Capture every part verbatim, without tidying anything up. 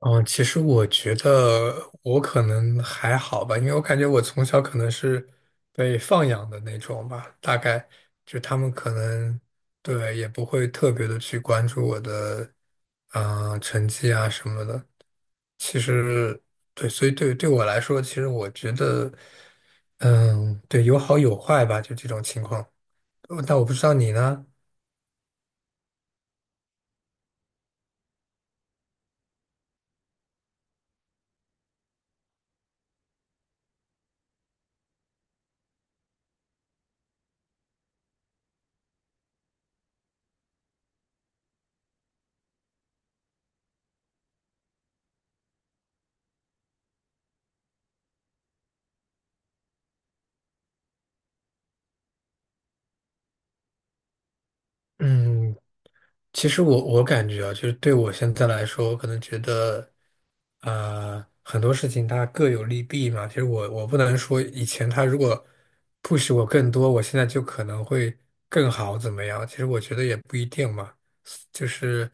嗯，其实我觉得我可能还好吧，因为我感觉我从小可能是被放养的那种吧，大概就他们可能对也不会特别的去关注我的嗯，成绩啊什么的。其实对，所以对对我来说，其实我觉得，嗯，对，有好有坏吧，就这种情况。呃但我不知道你呢，嗯，其实我我感觉啊，就是对我现在来说，我可能觉得，呃，很多事情它各有利弊嘛。其实我我不能说以前他如果 push 我更多，我现在就可能会更好怎么样？其实我觉得也不一定嘛。就是，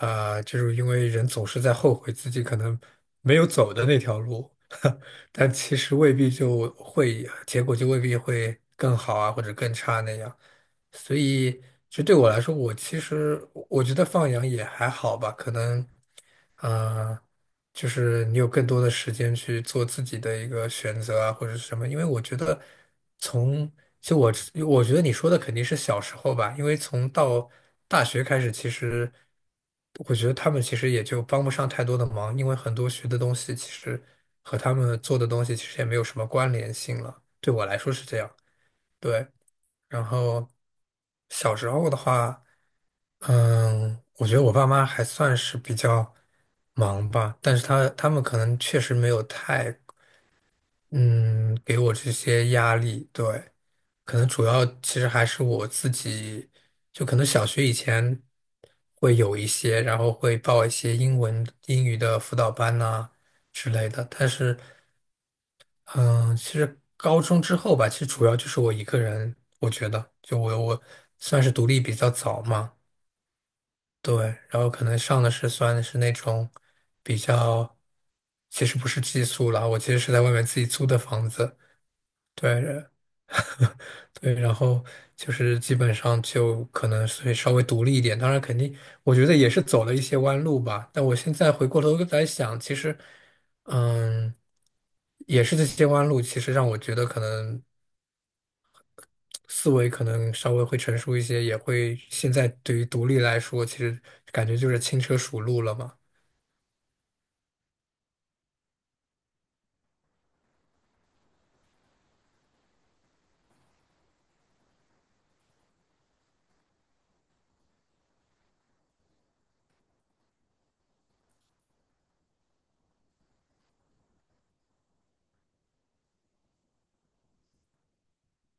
呃，就是因为人总是在后悔自己可能没有走的那条路，但其实未必就会，结果就未必会更好啊，或者更差那样。所以就对我来说，我其实我觉得放养也还好吧，可能，呃，就是你有更多的时间去做自己的一个选择啊，或者是什么，因为我觉得从就我我觉得你说的肯定是小时候吧，因为从到大学开始，其实我觉得他们其实也就帮不上太多的忙，因为很多学的东西其实和他们做的东西其实也没有什么关联性了，对我来说是这样。对，然后小时候的话，嗯，我觉得我爸妈还算是比较忙吧，但是他他们可能确实没有太，嗯，给我这些压力。对，可能主要其实还是我自己，就可能小学以前会有一些，然后会报一些英文英语的辅导班呐、之类的，但是。嗯，其实高中之后吧，其实主要就是我一个人，我觉得，就我我算是独立比较早嘛，对，然后可能上的是算是那种比较，其实不是寄宿啦，我其实是在外面自己租的房子，对，对，然后就是基本上就可能会稍微独立一点，当然肯定我觉得也是走了一些弯路吧，但我现在回过头来想，其实，嗯。也是这些弯路，其实让我觉得可能思维可能稍微会成熟一些，也会现在对于独立来说，其实感觉就是轻车熟路了嘛。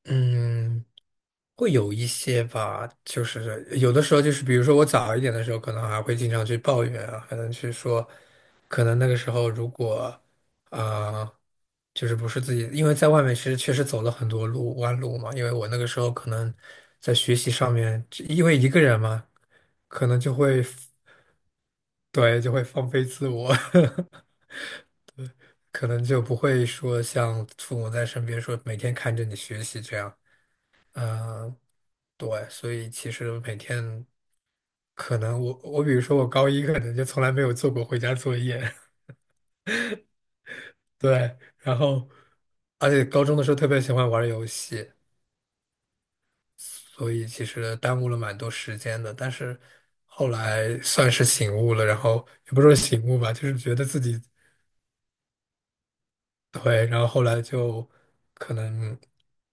嗯，会有一些吧，就是有的时候就是，比如说我早一点的时候，可能还会经常去抱怨啊，可能去说，可能那个时候如果，啊、就是不是自己，因为在外面其实确实走了很多路弯路嘛，因为我那个时候可能在学习上面，因为一个人嘛，可能就会对就会放飞自我。可能就不会说像父母在身边说每天看着你学习这样，嗯、对，所以其实每天可能我我比如说我高一可能就从来没有做过回家作业，对，然后而且高中的时候特别喜欢玩游戏，所以其实耽误了蛮多时间的，但是后来算是醒悟了，然后也不是说醒悟吧，就是觉得自己对，然后后来就可能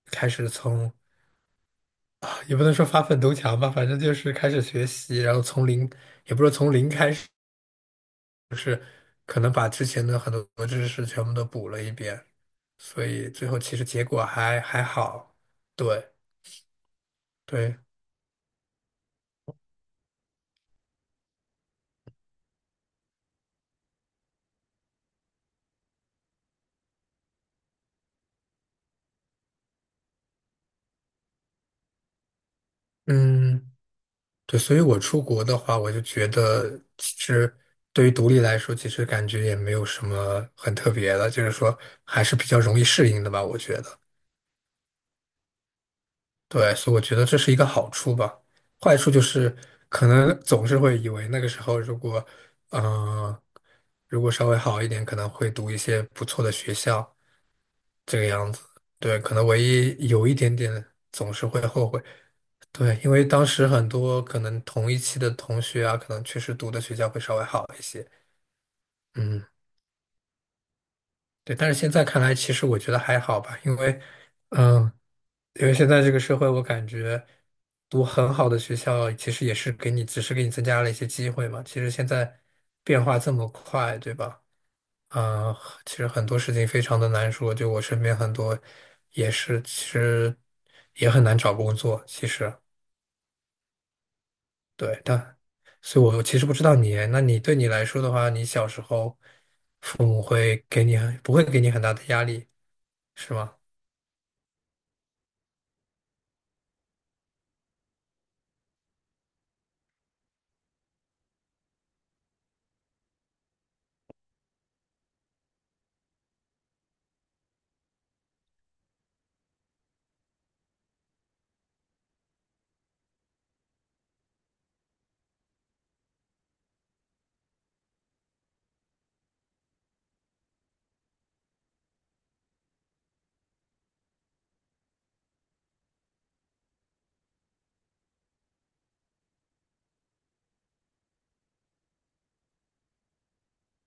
开始从。也不能说发愤图强吧，反正就是开始学习，然后从零，也不是从零开始，可能把之前的很多知识全部都补了一遍，所以最后其实结果还还好。对对，嗯，对，所以我出国的话，我就觉得其实对于独立来说，其实感觉也没有什么很特别的，就是说还是比较容易适应的吧，我觉得。对，所以我觉得这是一个好处吧。坏处就是，可能总是会以为那个时候如果，嗯，如果稍微好一点，可能会读一些不错的学校，这个样子。对，可能唯一有一点点总是会后悔。对，因为当时很多可能同一期的同学啊，可能确实读的学校会稍微好一些。嗯，对，但是现在看来，其实我觉得还好吧，因为，嗯、因为现在这个社会，我感觉读很好的学校，其实也是给你，只是给你增加了一些机会嘛。其实现在变化这么快，对吧？嗯、呃其实很多事情非常的难说。就我身边很多也是，其实也很难找工作。其实对，但所以我其实不知道你，那你对你来说的话，你小时候父母会给你很，不会给你很大的压力，是吗？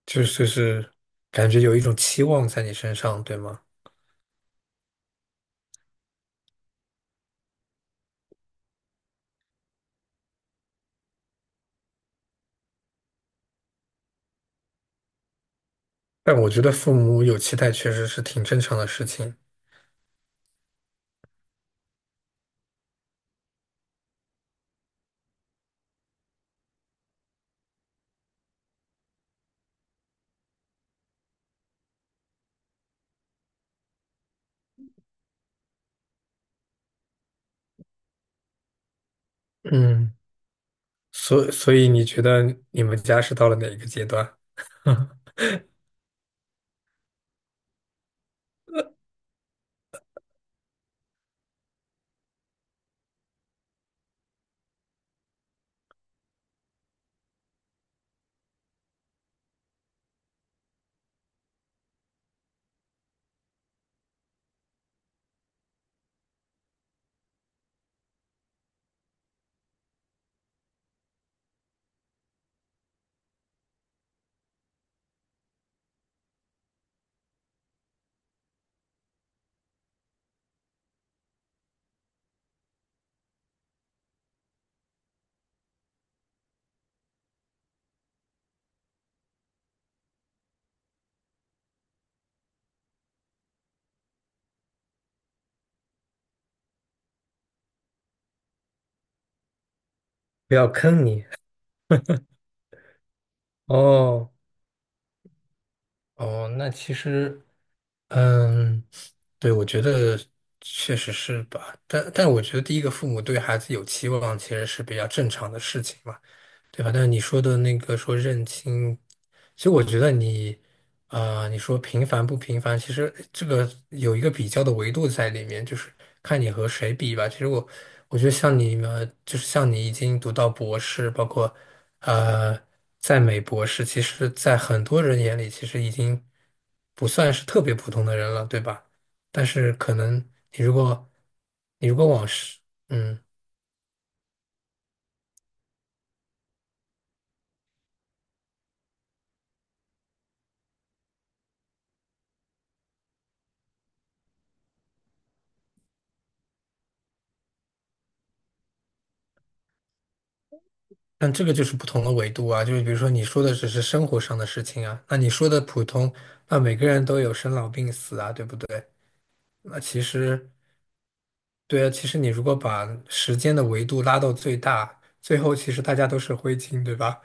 就是就是感觉有一种期望在你身上，对吗？但我觉得父母有期待确实是挺正常的事情。嗯，所所以你觉得你们家是到了哪一个阶段？不要坑你。哦哦，那其实，嗯，对，我觉得确实是吧。但但我觉得第一个父母对孩子有期望，其实是比较正常的事情嘛。对吧？但是你说的那个说认清，其实我觉得你，啊，你说平凡不平凡，其实这个有一个比较的维度在里面，就是看你和谁比吧。其实我，我觉得像你们，就是像你已经读到博士，包括呃，在美博士，其实在很多人眼里，其实已经不算是特别普通的人了，对吧？但是可能你如果你如果往是嗯。但这个就是不同的维度啊，就是比如说你说的只是生活上的事情啊，那你说的普通，那每个人都有生老病死啊，对不对？那其实，对啊，其实你如果把时间的维度拉到最大，最后其实大家都是灰烬，对吧？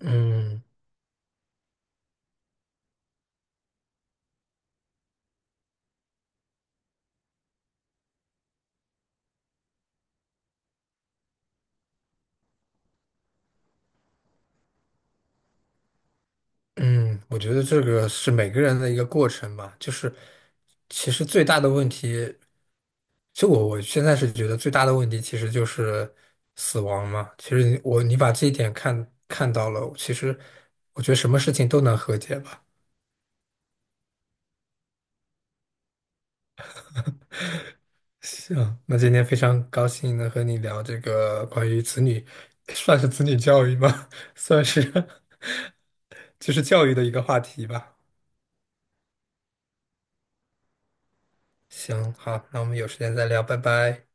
嗯嗯，我觉得这个是每个人的一个过程吧，就是其实最大的问题。就我我现在是觉得最大的问题其实就是死亡嘛。其实你我你把这一点看看到了，其实我觉得什么事情都能和解吧。行，那今天非常高兴能和你聊这个关于子女，算是子女教育吧，算是 就是教育的一个话题吧。行，好，那我们有时间再聊，拜拜。